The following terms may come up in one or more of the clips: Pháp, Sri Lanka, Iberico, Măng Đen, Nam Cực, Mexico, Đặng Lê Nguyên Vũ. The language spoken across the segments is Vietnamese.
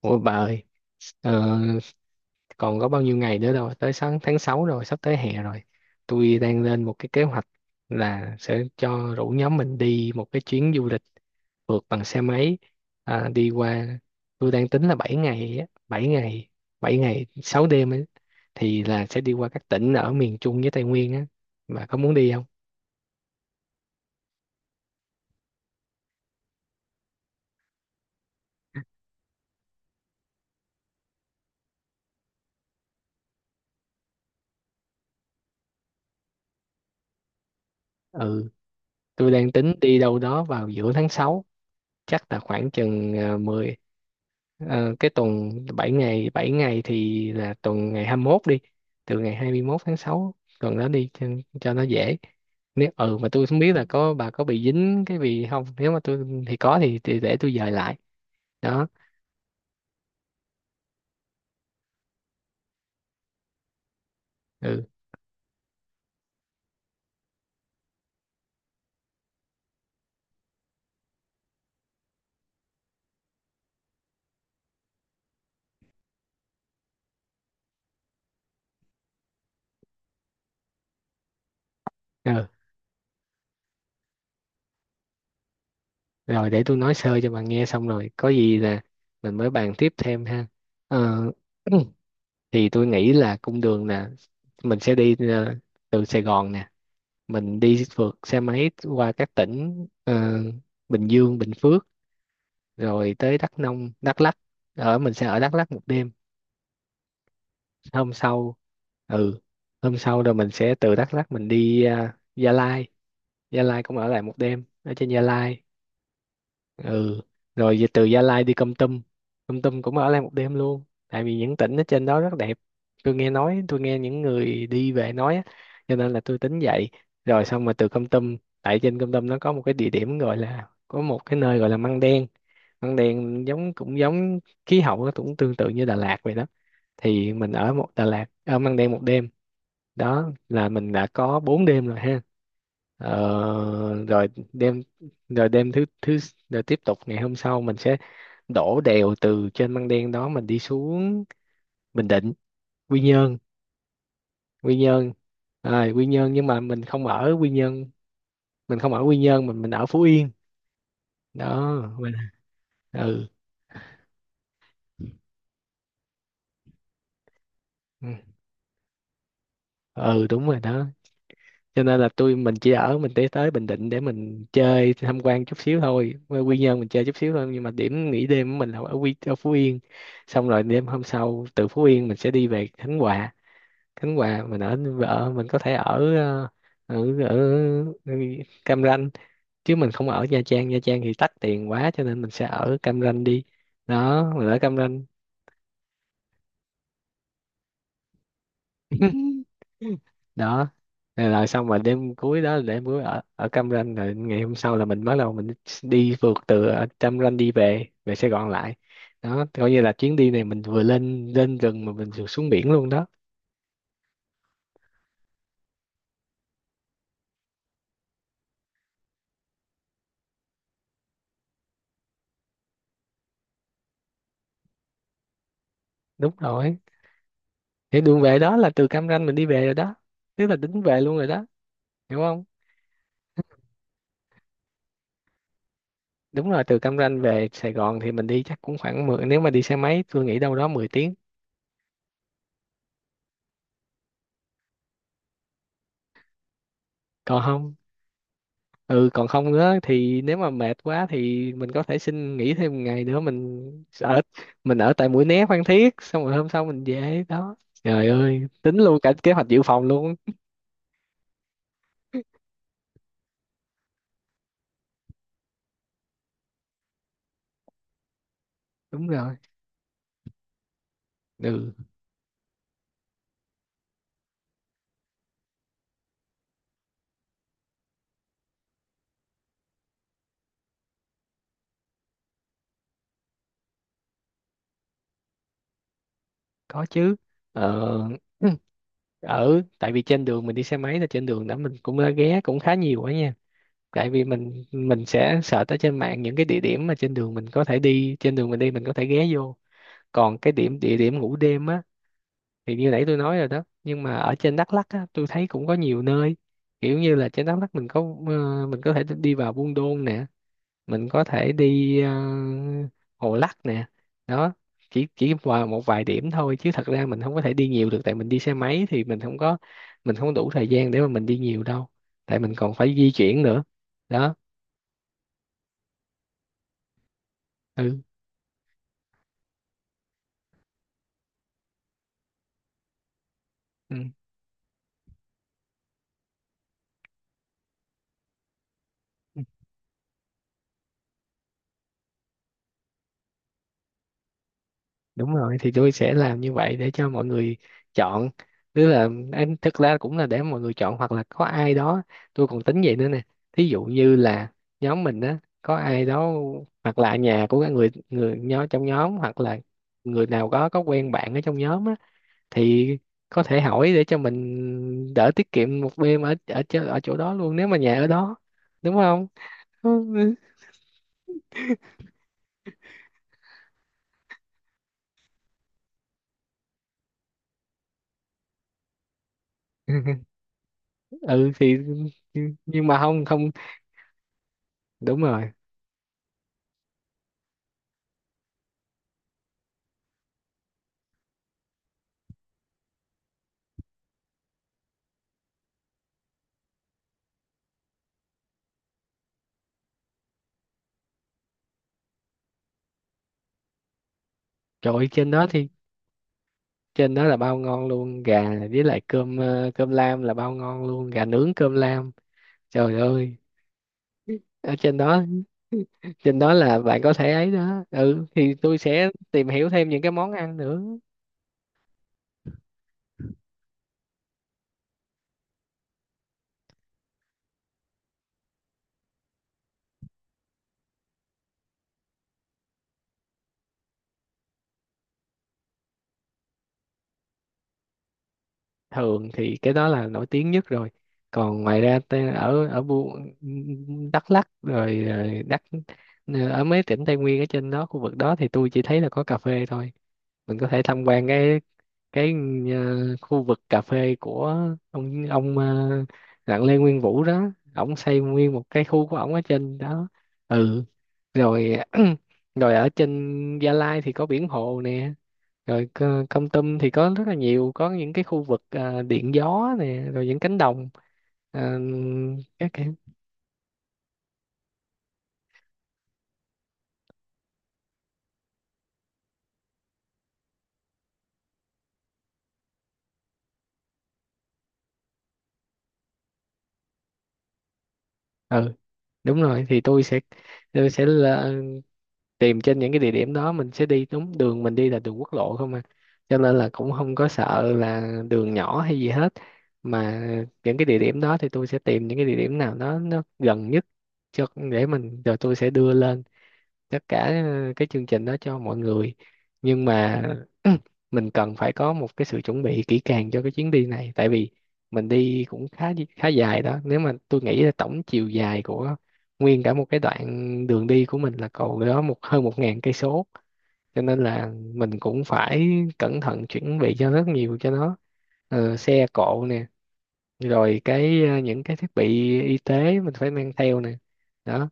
Ủa bà ơi, ờ, còn có bao nhiêu ngày nữa đâu, tới sáng tháng 6 rồi, sắp tới hè rồi. Tôi đang lên một cái kế hoạch là sẽ cho rủ nhóm mình đi một cái chuyến du lịch phượt bằng xe máy đi qua. Tôi đang tính là bảy ngày, á, 7 ngày, 7 ngày 6 đêm ấy, thì là sẽ đi qua các tỉnh ở miền Trung với Tây Nguyên á. Bà có muốn đi không? Ừ, tôi đang tính đi đâu đó vào giữa tháng sáu, chắc là khoảng chừng 10. Cái tuần bảy ngày thì là tuần ngày 21 đi, từ ngày 21 tháng 6 tuần đó đi cho nó dễ. Nếu mà tôi không biết là bà có bị dính cái gì không, nếu mà tôi thì có thì để tôi dời lại đó. ừ ừ Rồi để tôi nói sơ cho bà nghe xong rồi có gì là mình mới bàn tiếp thêm ha. Ờ, thì tôi nghĩ là cung đường là mình sẽ đi từ Sài Gòn nè, mình đi phượt xe máy qua các tỉnh Bình Dương, Bình Phước, rồi tới Đắk Nông, Đắk Lắk. Ở mình sẽ ở Đắk Lắk một đêm, hôm sau ừ hôm sau rồi mình sẽ từ Đắk Lắk mình đi Gia Lai. Gia Lai cũng ở lại một đêm ở trên Gia Lai. ừ Rồi về từ Gia Lai đi Kon Tum. Kon Tum cũng ở lại một đêm luôn tại vì những tỉnh ở trên đó rất đẹp. Tôi nghe những người đi về nói á, cho nên là tôi tính vậy. Rồi xong mà từ Kon Tum, tại trên Kon Tum nó có một cái địa điểm gọi là có một cái nơi gọi là Măng Đen. Măng Đen giống Cũng giống khí hậu, nó cũng tương tự như Đà Lạt vậy đó, thì mình ở một Đà Lạt ở Măng Đen một đêm. Đó là mình đã có 4 đêm rồi ha. Ờ, rồi đêm thứ thứ Rồi tiếp tục ngày hôm sau mình sẽ đổ đèo từ trên Măng Đen đó mình đi xuống Bình Định, Quy Nhơn. Quy Nhơn Quy Nhơn nhưng mà mình không ở Quy Nhơn, mình ở Phú Yên đó. Mình, ừ ừ Ừ, đúng rồi đó. Cho nên là mình chỉ ở mình tới tới Bình Định để mình chơi, tham quan chút xíu thôi. Qua Quy Nhơn mình chơi chút xíu thôi nhưng mà điểm nghỉ đêm của mình là ở ở Phú Yên. Xong rồi đêm hôm sau từ Phú Yên mình sẽ đi về Khánh Hòa. Khánh Hòa mình ở mình có thể ở ờ, ở ở Cam Ranh, chứ mình không ở Nha Trang. Nha Trang thì tắc tiền quá cho nên mình sẽ ở Cam Ranh đi. Đó mình ở Cam Ranh. Đó rồi, rồi xong rồi đêm cuối đó là đêm cuối ở ở Cam Ranh, rồi ngày hôm sau là mình bắt đầu mình đi phượt từ ở Cam Ranh đi về về Sài Gòn lại. Đó coi như là chuyến đi này mình vừa lên lên rừng mà mình vừa xuống biển luôn đó. Đúng rồi, thì đường về đó là từ Cam Ranh mình đi về rồi đó, tức là tính về luôn rồi đó, hiểu không. Đúng rồi, từ Cam Ranh về Sài Gòn thì mình đi chắc cũng khoảng 10, nếu mà đi xe máy tôi nghĩ đâu đó 10 tiếng. Còn không ừ còn không nữa thì nếu mà mệt quá thì mình có thể xin nghỉ thêm một ngày nữa, mình ở, mình ở tại Mũi Né, Phan Thiết, xong rồi hôm sau mình về đó. Trời ơi tính luôn cả kế hoạch dự phòng luôn. Đúng rồi. ừ có chứ. ờ, Ở tại vì trên đường mình đi xe máy là trên đường đó mình cũng đã ghé cũng khá nhiều quá nha, tại vì mình sẽ search ở trên mạng những cái địa điểm mà trên đường mình có thể đi, trên đường mình đi mình có thể ghé vô. Còn cái địa điểm ngủ đêm á, thì như nãy tôi nói rồi đó, nhưng mà ở trên Đắk Lắk á, tôi thấy cũng có nhiều nơi. Kiểu như là trên Đắk Lắk mình có mình có thể đi vào Buôn Đôn nè, mình có thể đi Hồ Lắc nè. Đó chỉ vào một vài điểm thôi chứ thật ra mình không có thể đi nhiều được, tại mình đi xe máy thì mình không có, mình không đủ thời gian để mà mình đi nhiều đâu, tại mình còn phải di chuyển nữa. Đó ừ ừ đúng rồi, thì tôi sẽ làm như vậy để cho mọi người chọn. Tức là em thực ra cũng là để mọi người chọn hoặc là có ai đó. Tôi còn tính vậy nữa nè, thí dụ như là nhóm mình á có ai đó hoặc là nhà của cái người người nhóm trong nhóm hoặc là người nào có quen bạn ở trong nhóm á, thì có thể hỏi để cho mình đỡ, tiết kiệm một đêm ở ở chỗ đó luôn nếu mà nhà ở đó, đúng không. Ừ thì nhưng mà không không đúng rồi. Trời ơi, trên đó thì trên đó là bao ngon luôn, gà với lại cơm cơm lam là bao ngon luôn, gà nướng cơm lam. Trời ơi ở trên đó, trên đó là bạn có thể ấy đó, ừ thì tôi sẽ tìm hiểu thêm những cái món ăn nữa. Thường thì cái đó là nổi tiếng nhất rồi, còn ngoài ra ta- ở ở Bu- Đắk Lắk rồi, rồi Đắk ở mấy tỉnh Tây Nguyên ở trên đó khu vực đó thì tôi chỉ thấy là có cà phê thôi. Mình có thể tham quan cái khu vực cà phê của ông Đặng Lê Nguyên Vũ đó, ổng xây nguyên một cái khu của ổng ở trên đó. ừ Rồi rồi ở trên Gia Lai thì có biển hồ nè. Rồi co- Kon Tum thì có rất là nhiều, có những cái khu vực điện gió nè rồi những cánh đồng ờ, các kiểu. ừ Đúng rồi, thì tôi sẽ là- tìm trên những cái địa điểm đó mình sẽ đi đúng, đường mình đi là đường quốc lộ không à, cho nên là cũng không có sợ là đường nhỏ hay gì hết. Mà những cái địa điểm đó thì tôi sẽ tìm những cái địa điểm nào đó nó gần nhất cho, để mình, rồi tôi sẽ đưa lên tất cả cái chương trình đó cho mọi người. Nhưng mà mình cần phải có một cái sự chuẩn bị kỹ càng cho cái chuyến đi này, tại vì mình đi cũng khá khá dài đó. Nếu mà tôi nghĩ là tổng chiều dài của nguyên cả một cái đoạn đường đi của mình là cầu đó một hơn một ngàn cây số, cho nên là mình cũng phải cẩn thận chuẩn bị cho rất nhiều cho nó. Ờ, xe cộ nè, rồi cái những cái thiết bị y tế mình phải mang theo nè. Đó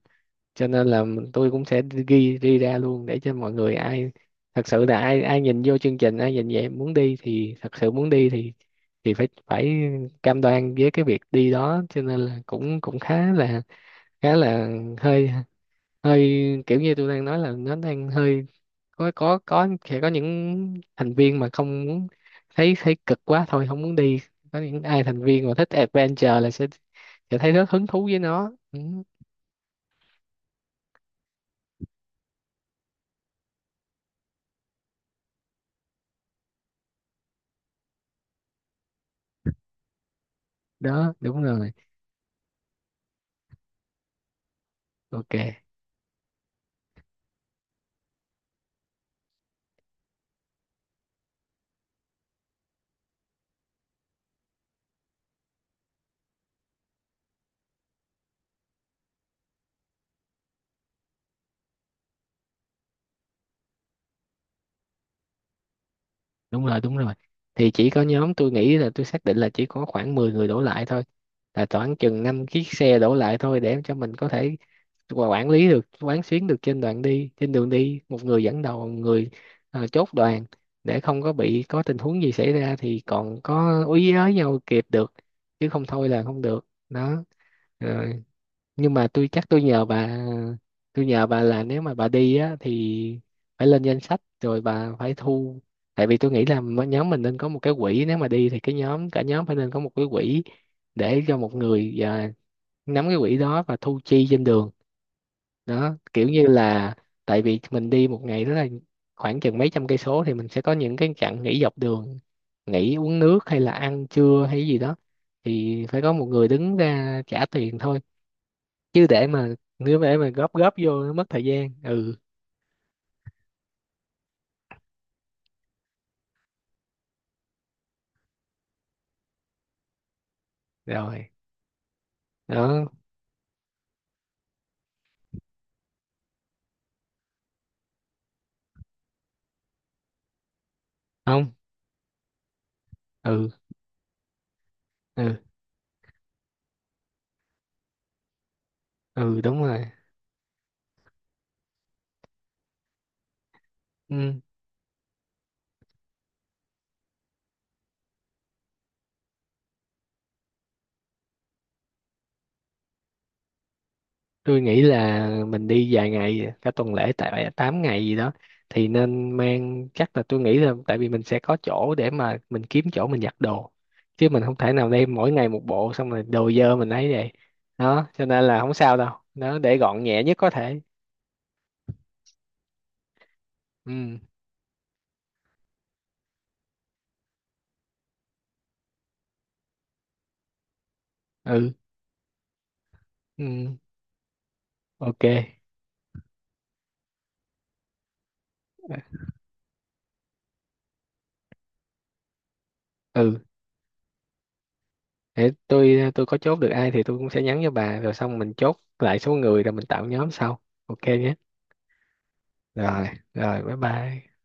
cho nên là tôi cũng sẽ ghi ra luôn để cho mọi người, ai thật sự là ai ai nhìn vô chương trình, ai nhìn vậy muốn đi thì thật sự muốn đi thì phải phải cam đoan với cái việc đi đó. Cho nên là cũng cũng khá là hơi hơi kiểu như tôi đang nói là nó đang hơi có sẽ có những thành viên mà không muốn, thấy thấy cực quá thôi không muốn đi. Có những ai thành viên mà thích adventure là sẽ thấy rất hứng thú với nó, ừ, đó đúng rồi. Ok, đúng rồi, thì chỉ có nhóm, tôi nghĩ là tôi xác định là chỉ có khoảng 10 người đổ lại thôi, là khoảng chừng 5 chiếc xe đổ lại thôi, để cho mình có thể qua- quản lý được, quán xuyến được trên đoạn đi trên đường đi. Một người dẫn đầu, một người chốt đoàn, để không có bị, có tình huống gì xảy ra thì còn có úy với nhau kịp được, chứ không thôi là không được đó. Ờ, nhưng mà tôi chắc tôi nhờ bà là nếu mà bà đi á thì phải lên danh sách rồi bà phải thu. Tại vì tôi nghĩ là m- nhóm mình nên có một cái quỹ, nếu mà đi thì cái nhóm cả nhóm phải nên có một cái quỹ để cho một người nắm cái quỹ đó và thu chi trên đường. Đó kiểu như là, tại vì mình đi một ngày đó là khoảng chừng mấy trăm cây số, thì mình sẽ có những cái chặng nghỉ dọc đường, nghỉ uống nước hay là ăn trưa hay gì đó, thì phải có một người đứng ra trả tiền thôi, chứ để mà nếu để mà góp góp vô nó mất thời gian. Ừ Rồi đó. Không ừ ừ ừ Đúng rồi. Ừ, tôi nghĩ là mình đi vài ngày cả tuần lễ tại 8 ngày gì đó, thì nên mang, chắc là tôi nghĩ là tại vì mình sẽ có chỗ để mà mình kiếm chỗ mình giặt đồ, chứ mình không thể nào đem mỗi ngày một bộ xong rồi đồ dơ mình ấy vậy. Đó cho nên là không sao đâu. Đó để gọn nhẹ nhất có thể. ừ ừ ừ ok. Ừ để tôi có chốt được ai thì tôi cũng sẽ nhắn cho bà, rồi xong mình chốt lại số người rồi mình tạo nhóm sau, ok nhé. Rồi Rồi bye bye.